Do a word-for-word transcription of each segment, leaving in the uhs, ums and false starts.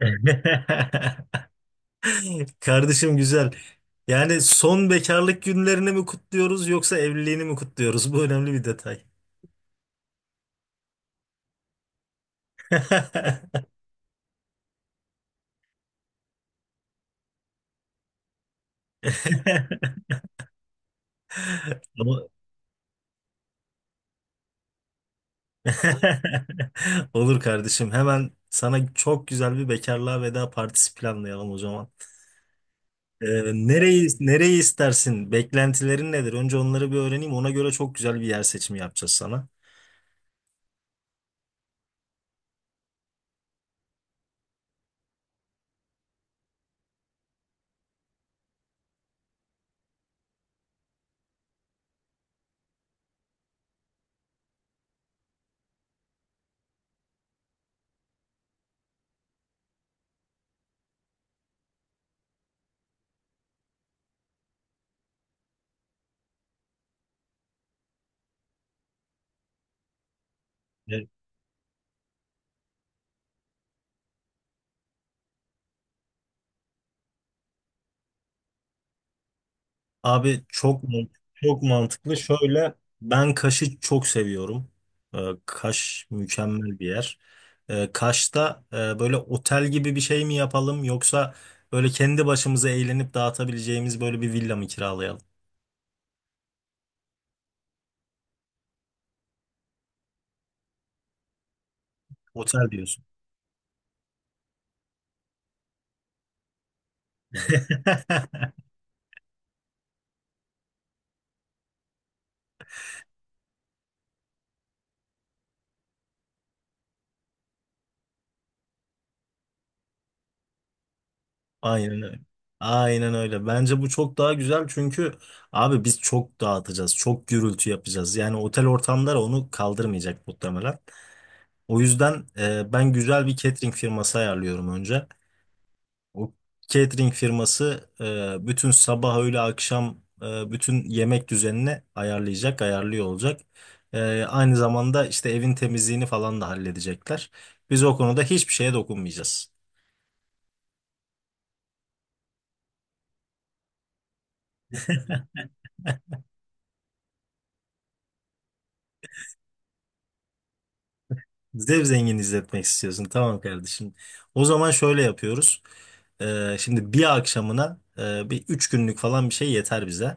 Kardeşim güzel. Yani son bekarlık günlerini mi kutluyoruz yoksa evliliğini mi kutluyoruz? Bu önemli bir detay. Ama- Olur kardeşim. Hemen sana çok güzel bir bekarlığa veda partisi planlayalım o zaman. Ee, nereyi nereyi istersin? Beklentilerin nedir? Önce onları bir öğreneyim. Ona göre çok güzel bir yer seçimi yapacağız sana. Evet. Abi çok man- çok mantıklı. Şöyle ben Kaş'ı çok seviyorum. Ee, Kaş mükemmel bir yer. Ee, Kaş'ta e, böyle otel gibi bir şey mi yapalım yoksa böyle kendi başımıza eğlenip dağıtabileceğimiz böyle bir villa mı kiralayalım? Otel diyorsun. Aynen öyle. Aynen öyle. Bence bu çok daha güzel çünkü abi biz çok dağıtacağız, çok gürültü yapacağız. Yani otel ortamları onu kaldırmayacak muhtemelen. O yüzden e, ben güzel bir catering firması ayarlıyorum önce. O catering firması e, bütün sabah, öğle, akşam e, bütün yemek düzenini ayarlayacak, ayarlıyor olacak. E, aynı zamanda işte evin temizliğini falan da halledecekler. Biz o konuda hiçbir şeye dokunmayacağız. Zevzengin izletmek istiyorsun. Tamam kardeşim. O zaman şöyle yapıyoruz. E, şimdi bir akşamına e, bir üç günlük falan bir şey yeter bize.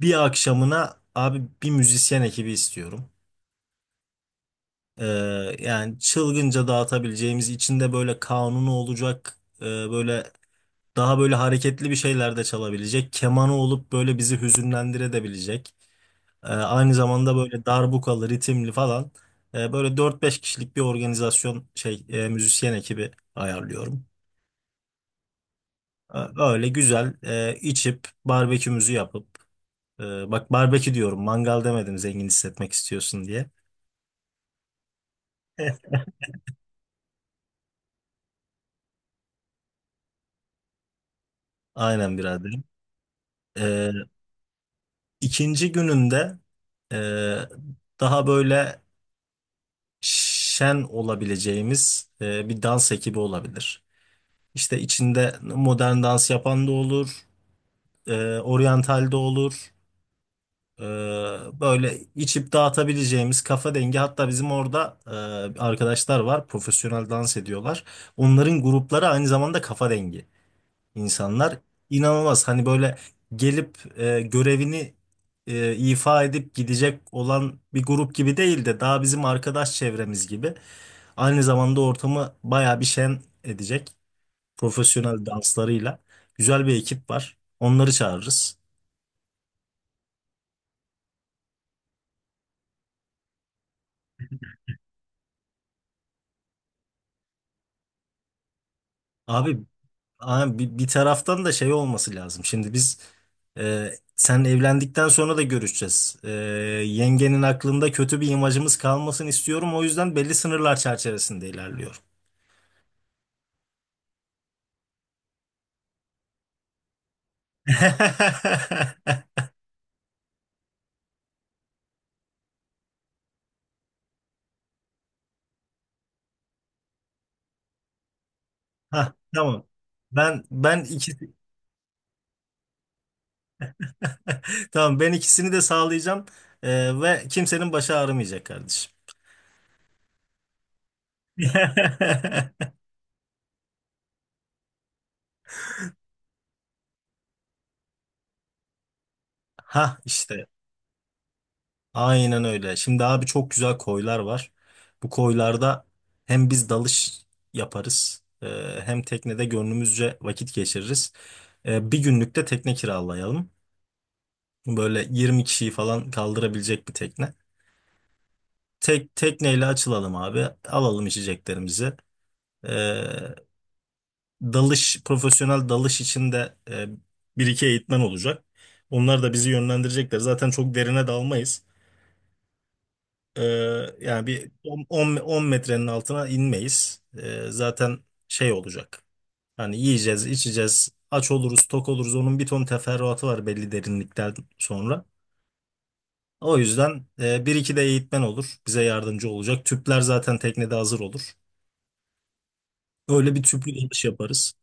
Bir akşamına abi bir müzisyen ekibi istiyorum. Ee, Yani çılgınca dağıtabileceğimiz içinde böyle kanunu olacak, e, böyle daha böyle hareketli bir şeyler de çalabilecek kemanı olup böyle bizi hüzünlendirebilecek. Ee, aynı zamanda böyle darbukalı ritimli falan. Ee, böyle dört beş kişilik bir organizasyon şey e, müzisyen ekibi ayarlıyorum. Ee, Öyle güzel e, içip barbekümüzü yapıp, e, bak barbekü diyorum, mangal demedim, zengin hissetmek istiyorsun diye. Aynen biraderim. İkinci gününde e, daha böyle şen olabileceğimiz e, bir dans ekibi olabilir. İşte içinde modern dans yapan da olur, e, oryantal de olur. E, Böyle içip dağıtabileceğimiz kafa dengi. Hatta bizim orada e, arkadaşlar var, profesyonel dans ediyorlar. Onların grupları aynı zamanda kafa dengi insanlar. İnanılmaz hani böyle gelip e, görevini e, ifa edip gidecek olan bir grup gibi değil de daha bizim arkadaş çevremiz gibi. Aynı zamanda ortamı bayağı bir şen edecek profesyonel danslarıyla. Güzel bir ekip var. Onları çağırırız. Abi ama bir, bir taraftan da şey olması lazım. Şimdi biz, e, sen evlendikten sonra da görüşeceğiz. E, yengenin aklında kötü bir imajımız kalmasın istiyorum. O yüzden belli sınırlar çerçevesinde ilerliyorum. Hah, tamam. Ben ben iki tamam, ben ikisini de sağlayacağım. E, ve kimsenin başı ağrımayacak kardeşim. Ha işte. Aynen öyle. Şimdi abi çok güzel koylar var. Bu koylarda hem biz dalış yaparız, e, hem teknede gönlümüzce vakit geçiririz. E, Bir günlük de tekne kiralayalım. Böyle yirmi kişiyi falan kaldırabilecek bir tekne. Tek tekneyle açılalım abi. Alalım içeceklerimizi. E, Dalış, profesyonel dalış için de e, bir iki eğitmen olacak. Onlar da bizi yönlendirecekler. Zaten çok derine dalmayız. Ee, Yani bir on metrenin altına inmeyiz. Ee, zaten şey olacak. Hani yiyeceğiz, içeceğiz, aç oluruz, tok oluruz. Onun bir ton teferruatı var belli derinlikten sonra. O yüzden e, bir iki de eğitmen olur. Bize yardımcı olacak. Tüpler zaten teknede hazır olur. Öyle bir tüplü dalış yaparız.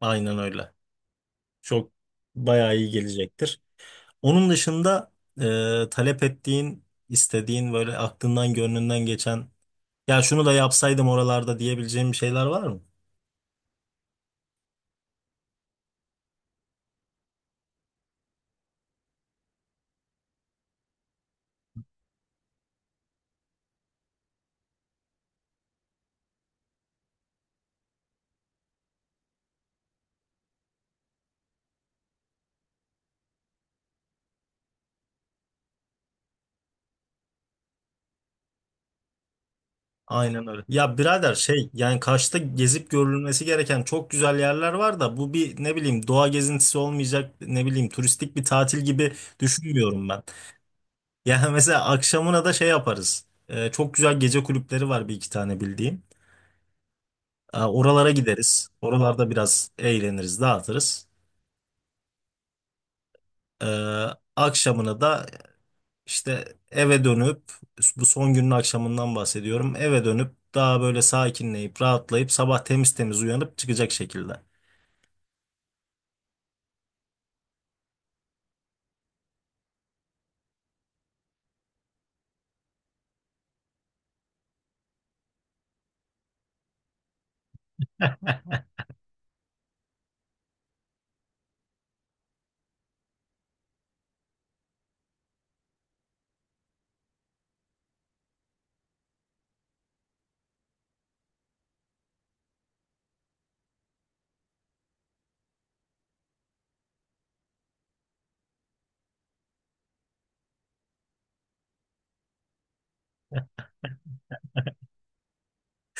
Aynen öyle. Çok bayağı iyi gelecektir. Onun dışında e, talep ettiğin, istediğin, böyle aklından gönlünden geçen, ya şunu da yapsaydım oralarda diyebileceğim bir şeyler var mı? Aynen öyle. Ya birader, şey yani Kaş'ta gezip görülmesi gereken çok güzel yerler var da bu bir ne bileyim doğa gezintisi olmayacak, ne bileyim turistik bir tatil gibi düşünmüyorum ben. Yani mesela akşamına da şey yaparız. Ee, çok güzel gece kulüpleri var, bir iki tane bildiğim. Ee, oralara gideriz. Oralarda biraz eğleniriz, dağıtırız. Ee, Akşamına da İşte eve dönüp, bu son günün akşamından bahsediyorum, eve dönüp daha böyle sakinleyip rahatlayıp sabah temiz temiz uyanıp çıkacak şekilde.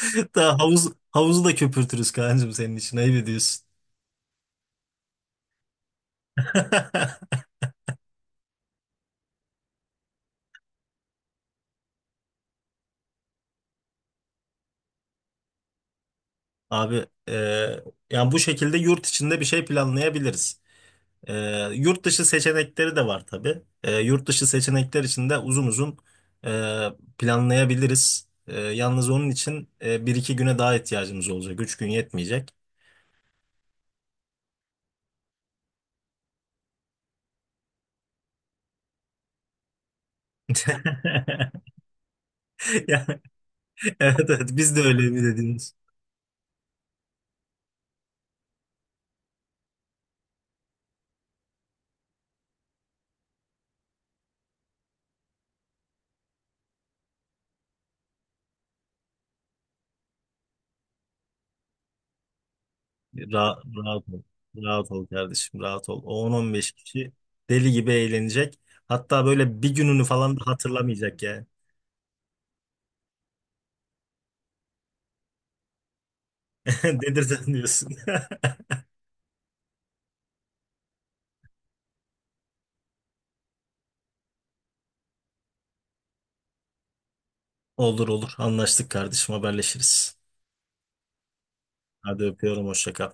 Hatta havuz havuzu da köpürtürüz kancım, senin için ayıp ediyorsun. Abi e, yani bu şekilde yurt içinde bir şey planlayabiliriz. E, Yurt dışı seçenekleri de var tabii. E, yurt dışı seçenekler için de uzun uzun e, planlayabiliriz. E, yalnız onun için e, bir iki güne daha ihtiyacımız olacak. Üç gün yetmeyecek. Ya, evet evet, biz de öyle mi dediniz? Ra- Rahat ol. Rahat ol kardeşim, rahat ol. O on on beş kişi deli gibi eğlenecek. Hatta böyle bir gününü falan da hatırlamayacak yani. Dedirten diyorsun. Olur olur, anlaştık kardeşim, haberleşiriz. Hadi öpüyorum, hoşça kal.